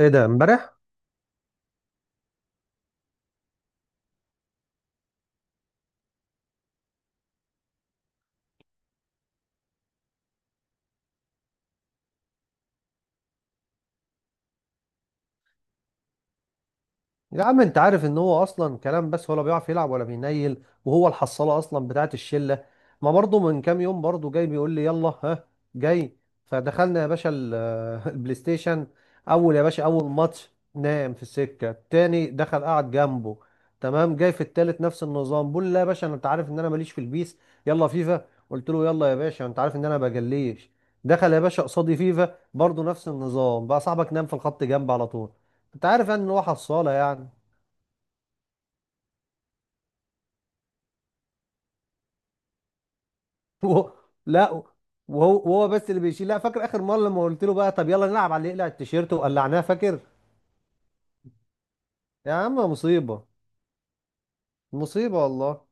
ايه ده امبارح؟ يا عم انت عارف ان هو اصلا كلام بس، ولا بيعرف يلعب ولا بينيل، وهو الحصاله اصلا بتاعت الشله. ما برضه من كام يوم برضه جاي بيقول لي يلا ها جاي، فدخلنا يا باشا البلاي ستيشن. اول يا باشا، اول ماتش نام في السكه التاني، دخل قعد جنبه. تمام، جاي في التالت نفس النظام، بقول لا يا باشا، انت عارف ان انا ماليش في البيس. يلا فيفا، قلت له يلا يا باشا، انت عارف ان انا بجليش. دخل يا باشا قصادي فيفا برضه نفس النظام، بقى صاحبك نام في الخط جنب على طول. انت عارف يعني ان هو حصاله يعني. و... لا. وهو بس اللي بيشيل. لا، فاكر اخر مره لما قلت له بقى طب يلا نلعب على اللي يقلع التيشيرت وقلعناه؟ فاكر؟ يا عم مصيبه. مصيبه والله.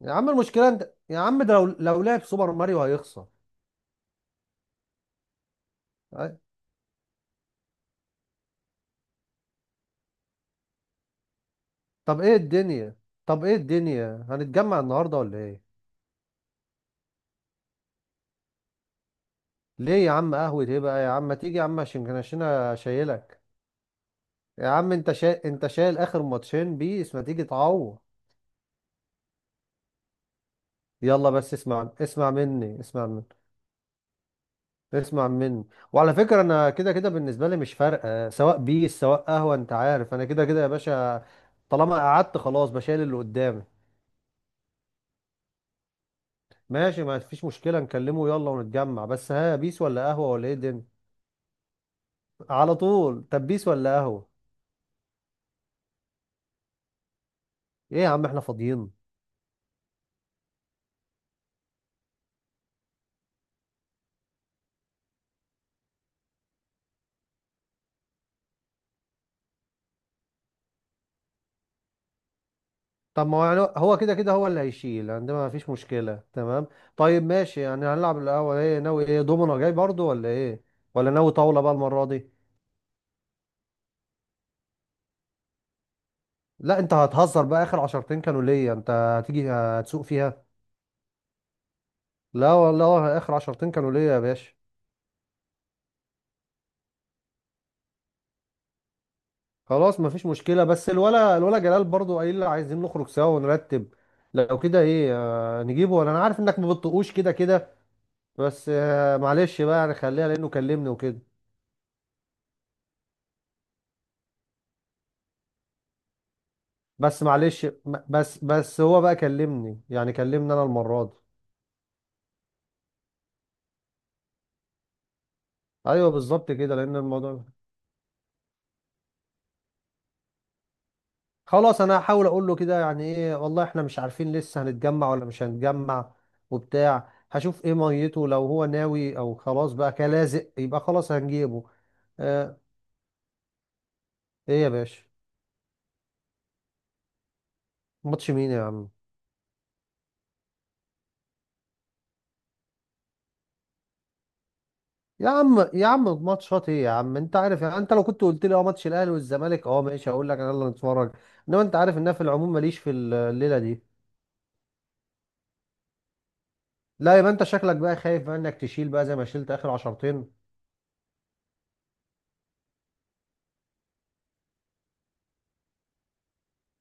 يا عم المشكله انت يا عم، ده لو لعب سوبر ماريو هيخسر. أي. طب ايه الدنيا؟ طب ايه الدنيا، هنتجمع النهارده ولا ايه؟ ليه يا عم؟ قهوه ايه بقى يا عم؟ ما تيجي يا عم عشان كان عشان. شايلك. يا عم، انت شايل اخر ماتشين بيس، ما تيجي تعوض؟ يلا بس، اسمع اسمع مني، اسمع مني. اسمع منه. وعلى فكرة انا كده كده بالنسبة لي مش فارقة، سواء بيس سواء قهوة، انت عارف انا كده كده يا باشا. طالما قعدت خلاص، بشيل اللي قدامي. ماشي، ما فيش مشكلة، نكلمه. يلا ونتجمع، بس ها، بيس ولا قهوة ولا ايه الدنيا؟ على طول. طب بيس ولا قهوة؟ ايه يا عم، احنا فاضيين؟ طب ما هو يعني هو كده كده، هو اللي هيشيل عندنا، ما فيش مشكلة، تمام. طيب ماشي، يعني هنلعب القهوة، ايه ناوي؟ ايه، دومنا جاي برضو ولا ايه؟ ولا ناوي طاولة بقى المرة دي؟ لا انت هتهزر بقى، اخر عشرتين كانوا ليا، انت هتيجي هتسوق فيها. لا والله اخر عشرتين كانوا ليا يا باشا. خلاص مفيش مشكله، بس الولا جلال برضو قايل لي عايزين نخرج سوا ونرتب. لو كده ايه؟ آه نجيبه، وانا عارف انك ما بتطقوش كده كده. بس آه معلش بقى، يعني خليها لانه كلمني وكده. بس معلش م- بس هو بقى كلمني، يعني كلمني انا المره دي. ايوه بالظبط كده، لان الموضوع. خلاص انا هحاول اقول له كده، يعني ايه والله، احنا مش عارفين لسه هنتجمع ولا مش هنتجمع وبتاع. هشوف ايه ميته، لو هو ناوي او خلاص بقى كلازق يبقى خلاص هنجيبه. آه. ايه يا باشا؟ ماتش مين يا عم يا عم يا عم، ماتشات ايه يا عم؟ انت عارف يعني، انت لو كنت قلت لي اه ماتش الاهلي والزمالك، اه ماشي هقول لك يلا نتفرج. انما انت عارف ان أنا في العموم ماليش في الليله دي. لا يبقى انت شكلك بقى خايف بقى انك تشيل بقى زي ما شلت اخر عشرتين.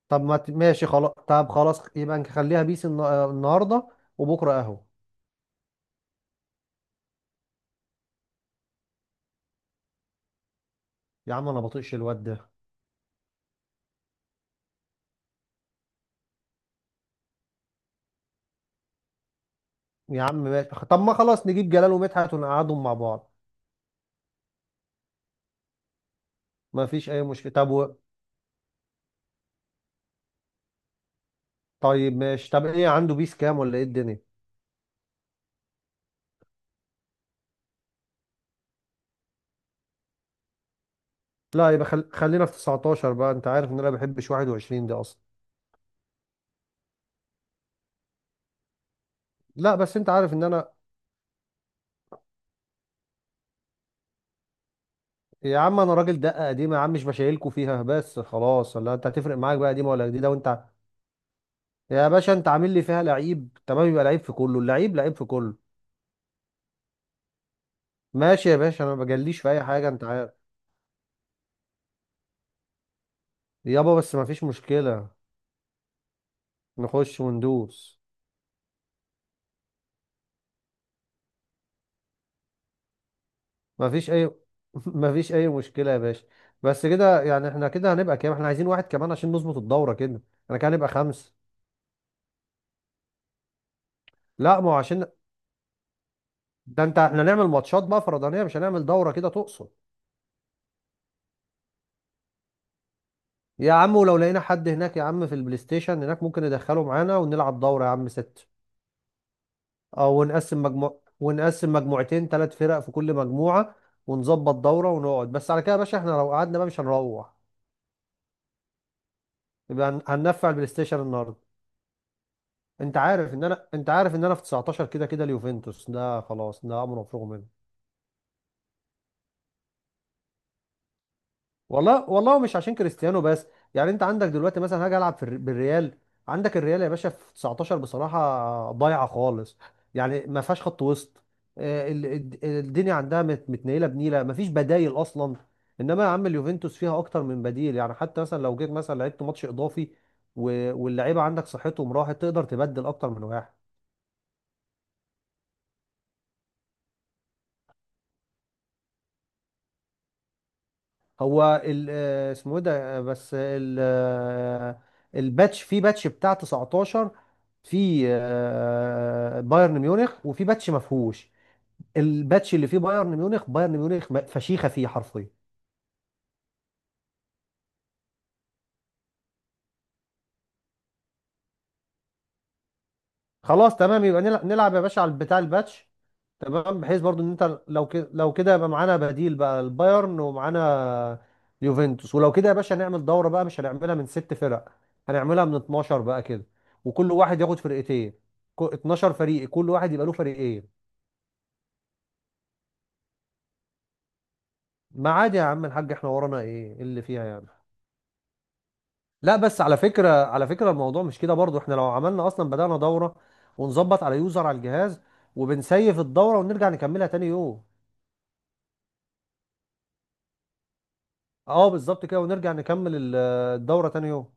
طب ما ت- ماشي خلاص، طب خلاص يبقى نخليها بيس، النهارده وبكره اهو. يا عم انا بطيقش الواد ده. يا عم ماشي، طب ما خلاص نجيب جلال ومدحت ونقعدهم مع بعض، ما فيش اي مشكله. طب طيب ماشي، طب ايه عنده بيس كام ولا ايه الدنيا؟ لا يبقى خلينا في 19 بقى، انت عارف ان انا ما بحبش 21 دي اصلا. لا بس انت عارف ان انا. يا عم انا راجل دقه قديمه يا عم، مش بشايلكوا فيها بس خلاص، ولا انت هتفرق معاك بقى قديمه ولا جديده، يا باشا انت عامل لي فيها لعيب، تمام، يبقى لعيب في كله، اللعيب لعيب في كله. ماشي يا باشا، انا ما بجليش في اي حاجه، انت عارف. يابا بس ما فيش مشكله. نخش وندوس. ما فيش اي ما فيش اي مشكله يا باشا. بس كده يعني احنا كده هنبقى كام؟ احنا عايزين واحد كمان عشان نظبط الدوره كده. انا كده هنبقى خمسه. لا ما هو عشان، ده انت احنا نعمل ماتشات بقى فردانيه، مش هنعمل دوره كده تقصد؟ يا عم ولو لقينا حد هناك يا عم في البلاي ستيشن هناك، ممكن ندخله معانا ونلعب دوره يا عم ست. اه، ونقسم مجموع، ونقسم مجموعتين ثلاث فرق في كل مجموعة. ونظبط دورة ونقعد، بس على كده يا باشا، احنا لو قعدنا بقى مش هنروح. يبقى هننفع البلاي ستيشن النهارده. انت عارف ان انا، انت عارف ان انا في 19 كده كده اليوفنتوس ده خلاص، ده امر مفروغ منه. والله والله مش عشان كريستيانو بس. يعني انت عندك دلوقتي مثلا، هاجي العب في بالريال. عندك الريال يا باشا في 19 بصراحه ضايعه خالص، يعني ما فيهاش خط وسط. الدنيا عندها متنيله بنيله، ما فيش بدايل اصلا. انما يا عم اليوفنتوس فيها اكتر من بديل، يعني حتى مثلا لو جيت مثلا لعبت ماتش اضافي واللعيبه عندك صحتهم راحت، تقدر تبدل اكتر من واحد. هو ال اسمه ايه ده، آه، بس ال آه، الباتش، في باتش بتاع 19، في بايرن ميونخ وفي باتش ما فيهوش. الباتش اللي فيه بايرن ميونخ، بايرن ميونخ فشيخه فيه حرفيا. خلاص تمام، يبقى نلعب يا باشا على بتاع الباتش. تمام، بحيث برضو ان انت لو كده، لو كده يبقى معانا بديل بقى البايرن ومعانا اليوفنتوس. ولو كده يا باشا نعمل دورة بقى، مش هنعملها من ست فرق، هنعملها من 12 بقى كده، وكل واحد ياخد فرقتين. 12 فريق، كل واحد يبقى له فريقين. ما عادي يا عم الحاج، احنا ورانا ايه، إيه اللي فيها يعني. لا بس على فكرة، على فكرة الموضوع مش كده برضو، احنا لو عملنا اصلا بدأنا دورة، ونظبط على يوزر على الجهاز، وبنسيف الدورة ونرجع نكملها تاني يوم. اه بالظبط كده، ونرجع نكمل الدورة تاني يوم.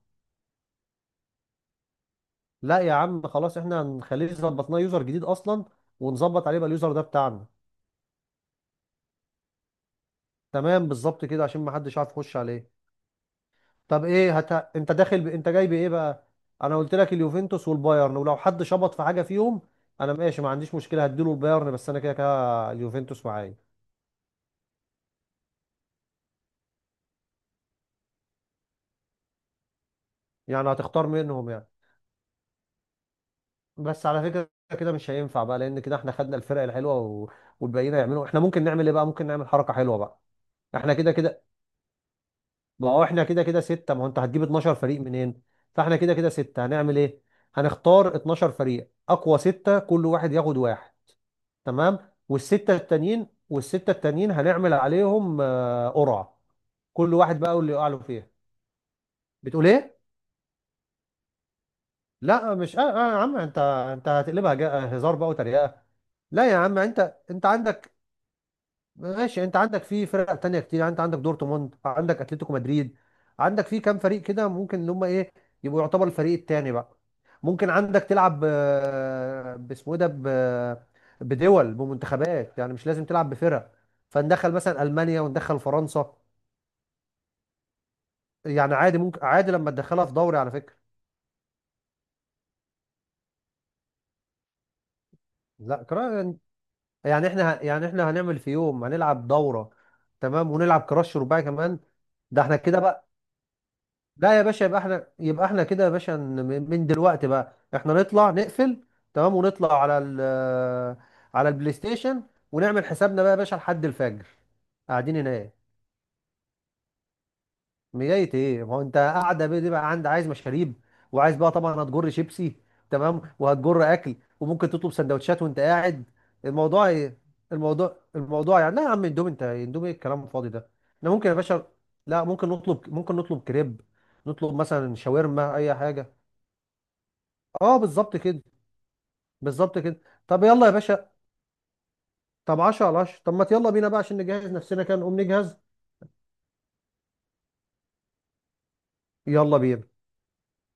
لا يا عم خلاص، احنا هنخليه ظبطناه يوزر جديد اصلا، ونظبط عليه بقى اليوزر ده بتاعنا. تمام بالظبط كده، عشان ما حدش عارف يخش عليه. طب ايه انت داخل انت جاي بايه بقى؟ انا قلت لك اليوفنتوس والبايرن، ولو حد شبط في حاجه فيهم، انا ماشي ما عنديش مشكله، هديله البايرن، بس انا كده كده اليوفنتوس معايا. يعني هتختار منهم يعني؟ بس على فكره، كده مش هينفع بقى، لان كده احنا خدنا الفرق الحلوه والباقيين هيعملوا احنا ممكن نعمل ايه بقى، ممكن نعمل حركه حلوه بقى. احنا كده كده، ما هو احنا كده كده ستة، ما هو انت هتجيب 12 فريق منين؟ فاحنا كده كده ستة هنعمل ايه؟ هنختار 12 فريق، اقوى ستة كل واحد ياخد واحد، تمام. والستة التانيين، والستة التانيين هنعمل عليهم قرعة، كل واحد بقى واللي يقع له فيها. بتقول ايه؟ لا مش آه آه يا عم، انت هتقلبها هزار بقى وتريقة. لا يا عم، انت عندك، ماشي، انت عندك في فرق تانية كتير، يعني انت عندك دورتموند، عندك اتلتيكو مدريد، عندك في كام فريق كده، ممكن ان هم ايه، يبقوا يعتبر الفريق التاني بقى. ممكن عندك تلعب، آه، باسمه ايه ده ب- بدول، بمنتخبات، يعني مش لازم تلعب بفرق، فندخل مثلا المانيا وندخل فرنسا. يعني عادي، ممكن عادي لما تدخلها في دوري على فكرة. لا، يعني احنا يعني احنا هنعمل في يوم هنلعب دورة تمام، ونلعب كراش رباعي كمان. ده احنا كده بقى. لا يا باشا، يبقى احنا، يبقى احنا كده يا باشا، من دلوقتي بقى احنا نطلع نقفل تمام، ونطلع على على البلاي ستيشن، ونعمل حسابنا بقى يا باشا لحد الفجر، قاعدين هناك. مجاية ايه، ما هو انت قاعده بيه دي بقى، عند عايز مشاريب، وعايز بقى طبعا هتجر شيبسي، تمام، وهتجر اكل، وممكن تطلب سندوتشات وانت قاعد. الموضوع ايه؟ الموضوع الموضوع يعني، لا يا عم اندومي، انت اندومي ايه الكلام الفاضي ده؟ احنا ممكن يا باشا، لا ممكن نطلب، ممكن نطلب كريب، نطلب مثلا شاورما اي حاجه. اه بالظبط كده. بالظبط كده. طب يلا يا باشا. طب 10 على 10، طب ما يلا بينا بقى عشان نجهز نفسنا كده، نقوم نجهز. يلا بينا.